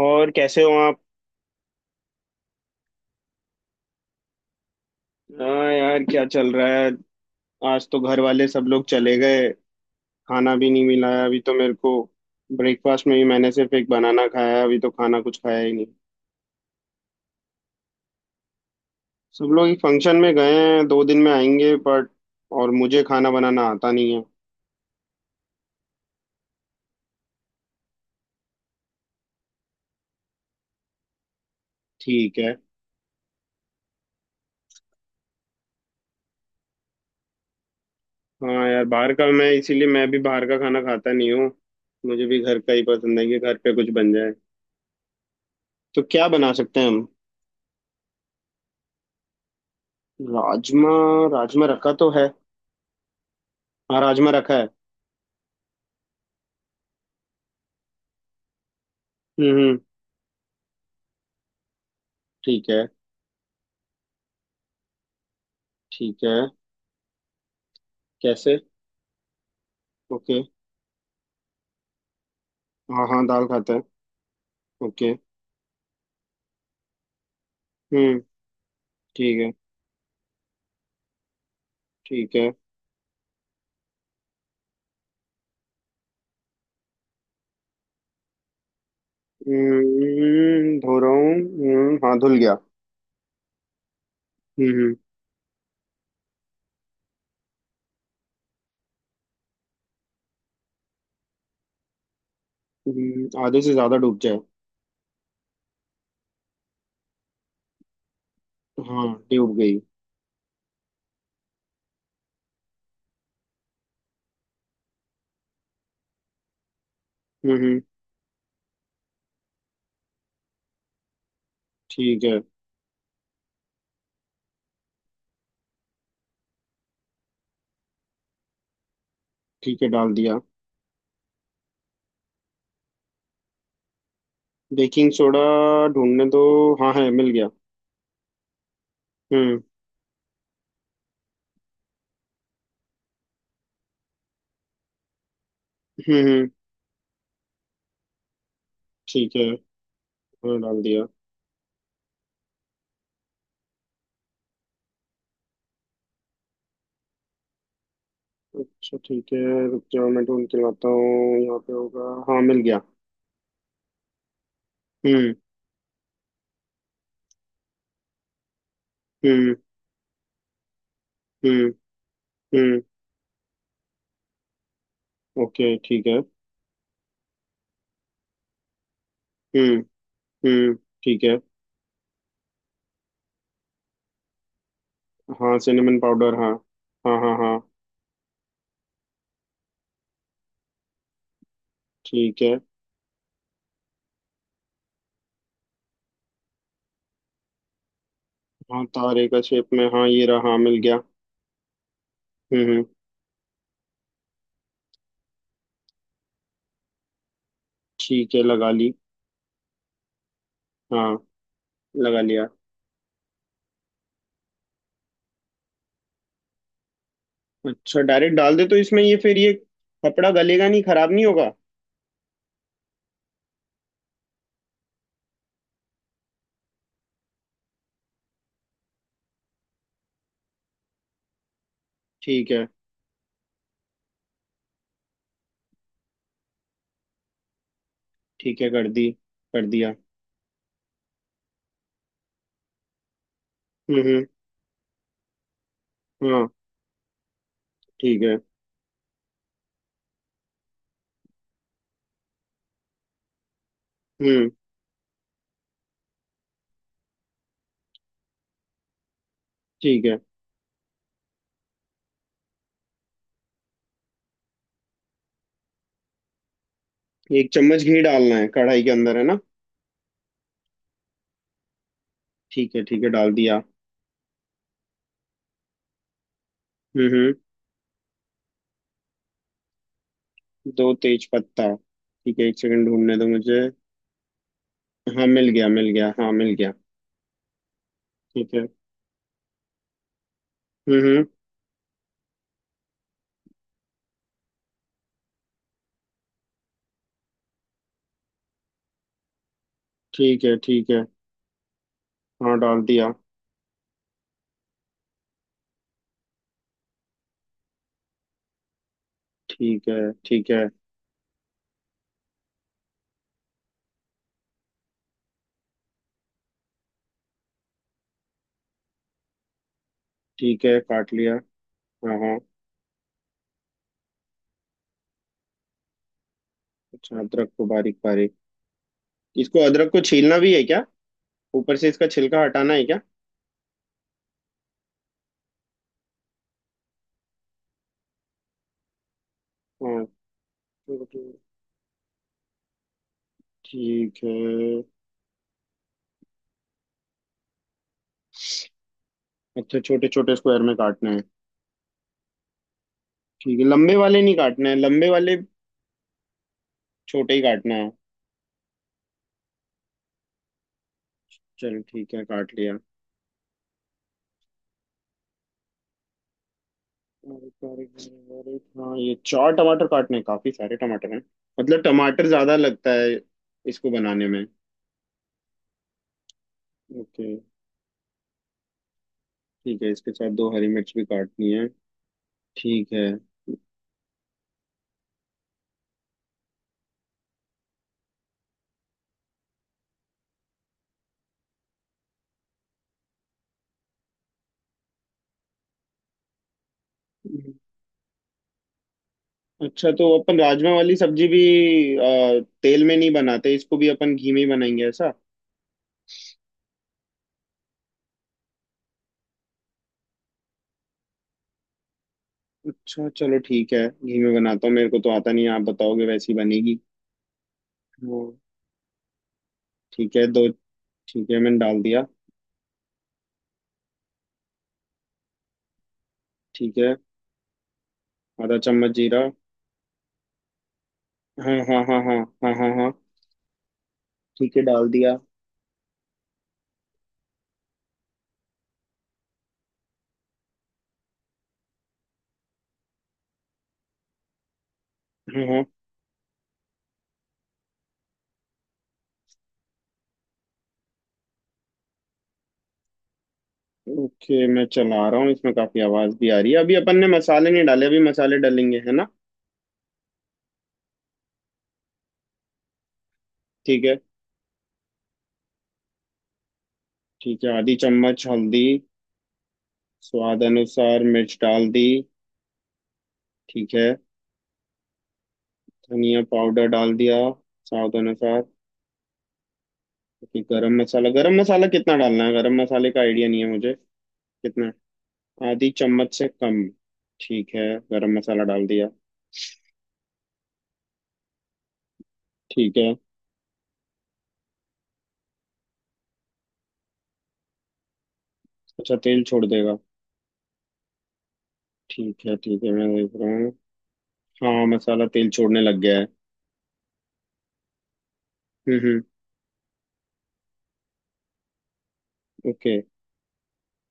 और कैसे हो आप। हाँ यार क्या चल रहा है। आज तो घर वाले सब लोग चले गए। खाना भी नहीं मिला है अभी तो मेरे को। ब्रेकफास्ट में ही मैंने सिर्फ एक बनाना खाया है अभी तो खाना कुछ खाया ही नहीं। सब लोग एक फंक्शन में गए हैं दो दिन में आएंगे बट। और मुझे खाना बनाना आता नहीं है। ठीक है। हाँ यार बाहर का मैं इसीलिए मैं भी बाहर का खाना खाता नहीं हूँ। मुझे भी घर का ही पसंद है कि घर पे कुछ बन जाए। तो क्या बना सकते हैं हम। राजमा। राजमा रखा तो है। हाँ राजमा रखा है। हम्म। ठीक है ठीक है। कैसे। ओके। हाँ हाँ दाल खाते हैं। ओके। हम्म। ठीक है ठीक है। धो रहा हूँ। हाँ धुल गया। हम्म हम्म। आधे से ज्यादा डूब जाए। हाँ डूब गई। हम्म। ठीक है ठीक है डाल दिया। Baking soda. ढूंढने दो। हाँ है मिल गया। हम्म हम्म। ठीक है। हाँ डाल दिया। अच्छा ठीक है। रुक जाओ मैं ढूंढ के लाता हूँ यहाँ पे होगा हाँ मिल गया। हम्म। हम्म। हम्म हम्म। ओके ठीक है। हम्म हम्म। ठीक है। हाँ सिनेमन पाउडर हाँ। हाँ हाँ हाँ। ठीक है। हाँ तारे का शेप में हाँ ये रहा हाँ मिल गया। हम्म। ठीक है लगा ली। हाँ लगा लिया। अच्छा डायरेक्ट डाल दे तो इसमें ये फिर ये कपड़ा गलेगा नहीं खराब नहीं होगा। ठीक है ठीक है कर दी। कर दिया। हम्म। हाँ। ठीक है। हम्म। ठीक है। एक चम्मच घी डालना है कढ़ाई के अंदर है ना। ठीक है डाल दिया। हम्म। दो तेज पत्ता ठीक है एक सेकंड ढूंढने दो मुझे। हाँ मिल गया हाँ मिल गया। ठीक है। हम्म हम्म, ठीक है ठीक है। हाँ डाल दिया। ठीक है ठीक है। ठीक है काट लिया। हाँ हाँ। अच्छा अदरक को बारीक बारीक। इसको अदरक को छीलना भी है क्या। ऊपर से इसका छिलका हटाना है क्या। हाँ। छोटे- ठीक है। अच्छा छोटे छोटे स्क्वायर में काटना है। ठीक है लंबे वाले नहीं काटना है लंबे वाले। छोटे ही काटना है। चलो ठीक है काट लिया। और प्यारे प्यारे और हाँ ये चार टमाटर काटने हैं, काफी सारे टमाटर हैं। मतलब टमाटर ज्यादा लगता है इसको बनाने में। ओके। ठीक है इसके साथ दो हरी मिर्च भी काटनी है। ठीक है। अच्छा तो अपन राजमा वाली सब्जी भी तेल में नहीं बनाते इसको भी अपन घी में ही बनाएंगे ऐसा। अच्छा चलो ठीक है घी में बनाता हूँ मेरे को तो आता नहीं है, आप बताओगे वैसी बनेगी। वो ठीक है दो ठीक है मैंने डाल दिया। ठीक है। आधा चम्मच जीरा। हाँ हाँ हाँ हाँ। हाँ हाँ हाँ। ठीक है डाल दिया। हाँ हाँ। ओके मैं चला रहा हूँ इसमें काफी आवाज भी आ रही है अभी अपन ने मसाले नहीं डाले अभी मसाले डालेंगे है ना। ठीक है। ठीक है आधी चम्मच हल्दी। स्वाद अनुसार मिर्च डाल दी। ठीक है। धनिया पाउडर डाल दिया स्वाद अनुसार। ओके, गरम मसाला कितना डालना है गरम मसाले का आइडिया नहीं है मुझे। कितना आधी चम्मच से कम। ठीक है गरम मसाला डाल दिया। ठीक है। अच्छा तेल छोड़ देगा। ठीक है मैं देख रहा हूँ। हाँ मसाला तेल छोड़ने लग गया है। हम्म। ओके।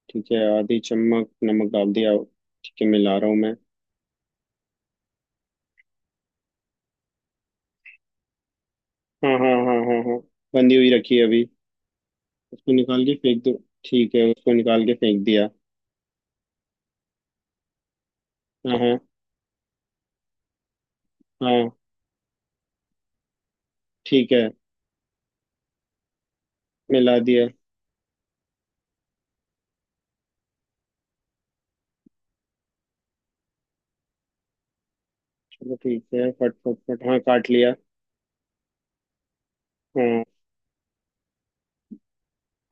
ठीक है आधी चम्मच नमक डाल दिया। ठीक है मिला रहा हूँ मैं। हाँ हाँ हाँ हाँ हाँ। बंधी हुई रखी है अभी। उसको निकाल के फेंक दो। ठीक है उसको निकाल के फेंक दिया। हाँ हाँ। हाँ। ठीक है मिला दिया। चलो ठीक है फट फट फट हाँ काट लिया। हाँ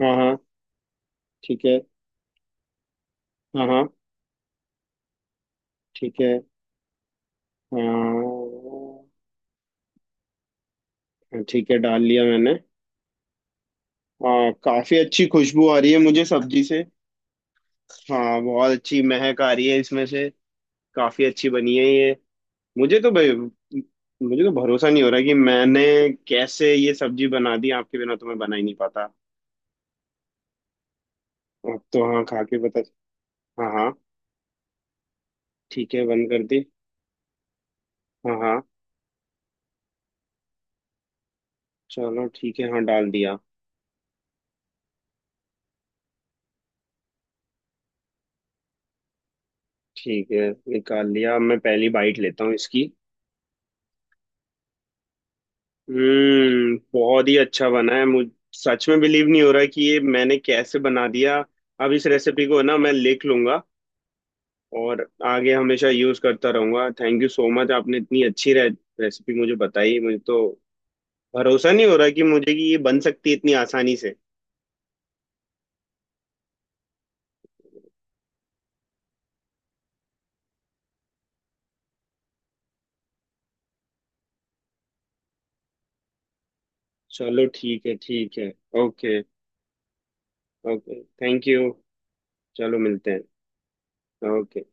हाँ हाँ। ठीक है। हाँ हाँ। ठीक है। हाँ हाँ, ठीक है डाल लिया मैंने। हाँ काफी अच्छी खुशबू आ रही है मुझे सब्जी से। हाँ बहुत अच्छी महक आ रही है इसमें से। काफी अच्छी बनी है ये। मुझे तो भाई मुझे तो भरोसा नहीं हो रहा कि मैंने कैसे ये सब्जी बना दी आपके बिना तो मैं बना ही नहीं पाता। अब तो हाँ खा के पता। हाँ हाँ। ठीक है बंद कर दी। हाँ हाँ। चलो ठीक है हाँ डाल दिया। ठीक है निकाल लिया अब मैं पहली बाइट लेता हूँ इसकी। बहुत ही अच्छा बना है मुझ सच में बिलीव नहीं हो रहा कि ये मैंने कैसे बना दिया। अब इस रेसिपी को ना मैं लिख लूंगा और आगे हमेशा यूज करता रहूंगा थैंक यू सो मच आपने इतनी अच्छी रेसिपी मुझे बताई मुझे तो भरोसा नहीं हो रहा कि मुझे कि ये बन सकती है इतनी आसानी से। चलो ठीक है ठीक है। ओके। Okay thank you. चलो मिलते हैं। ओके।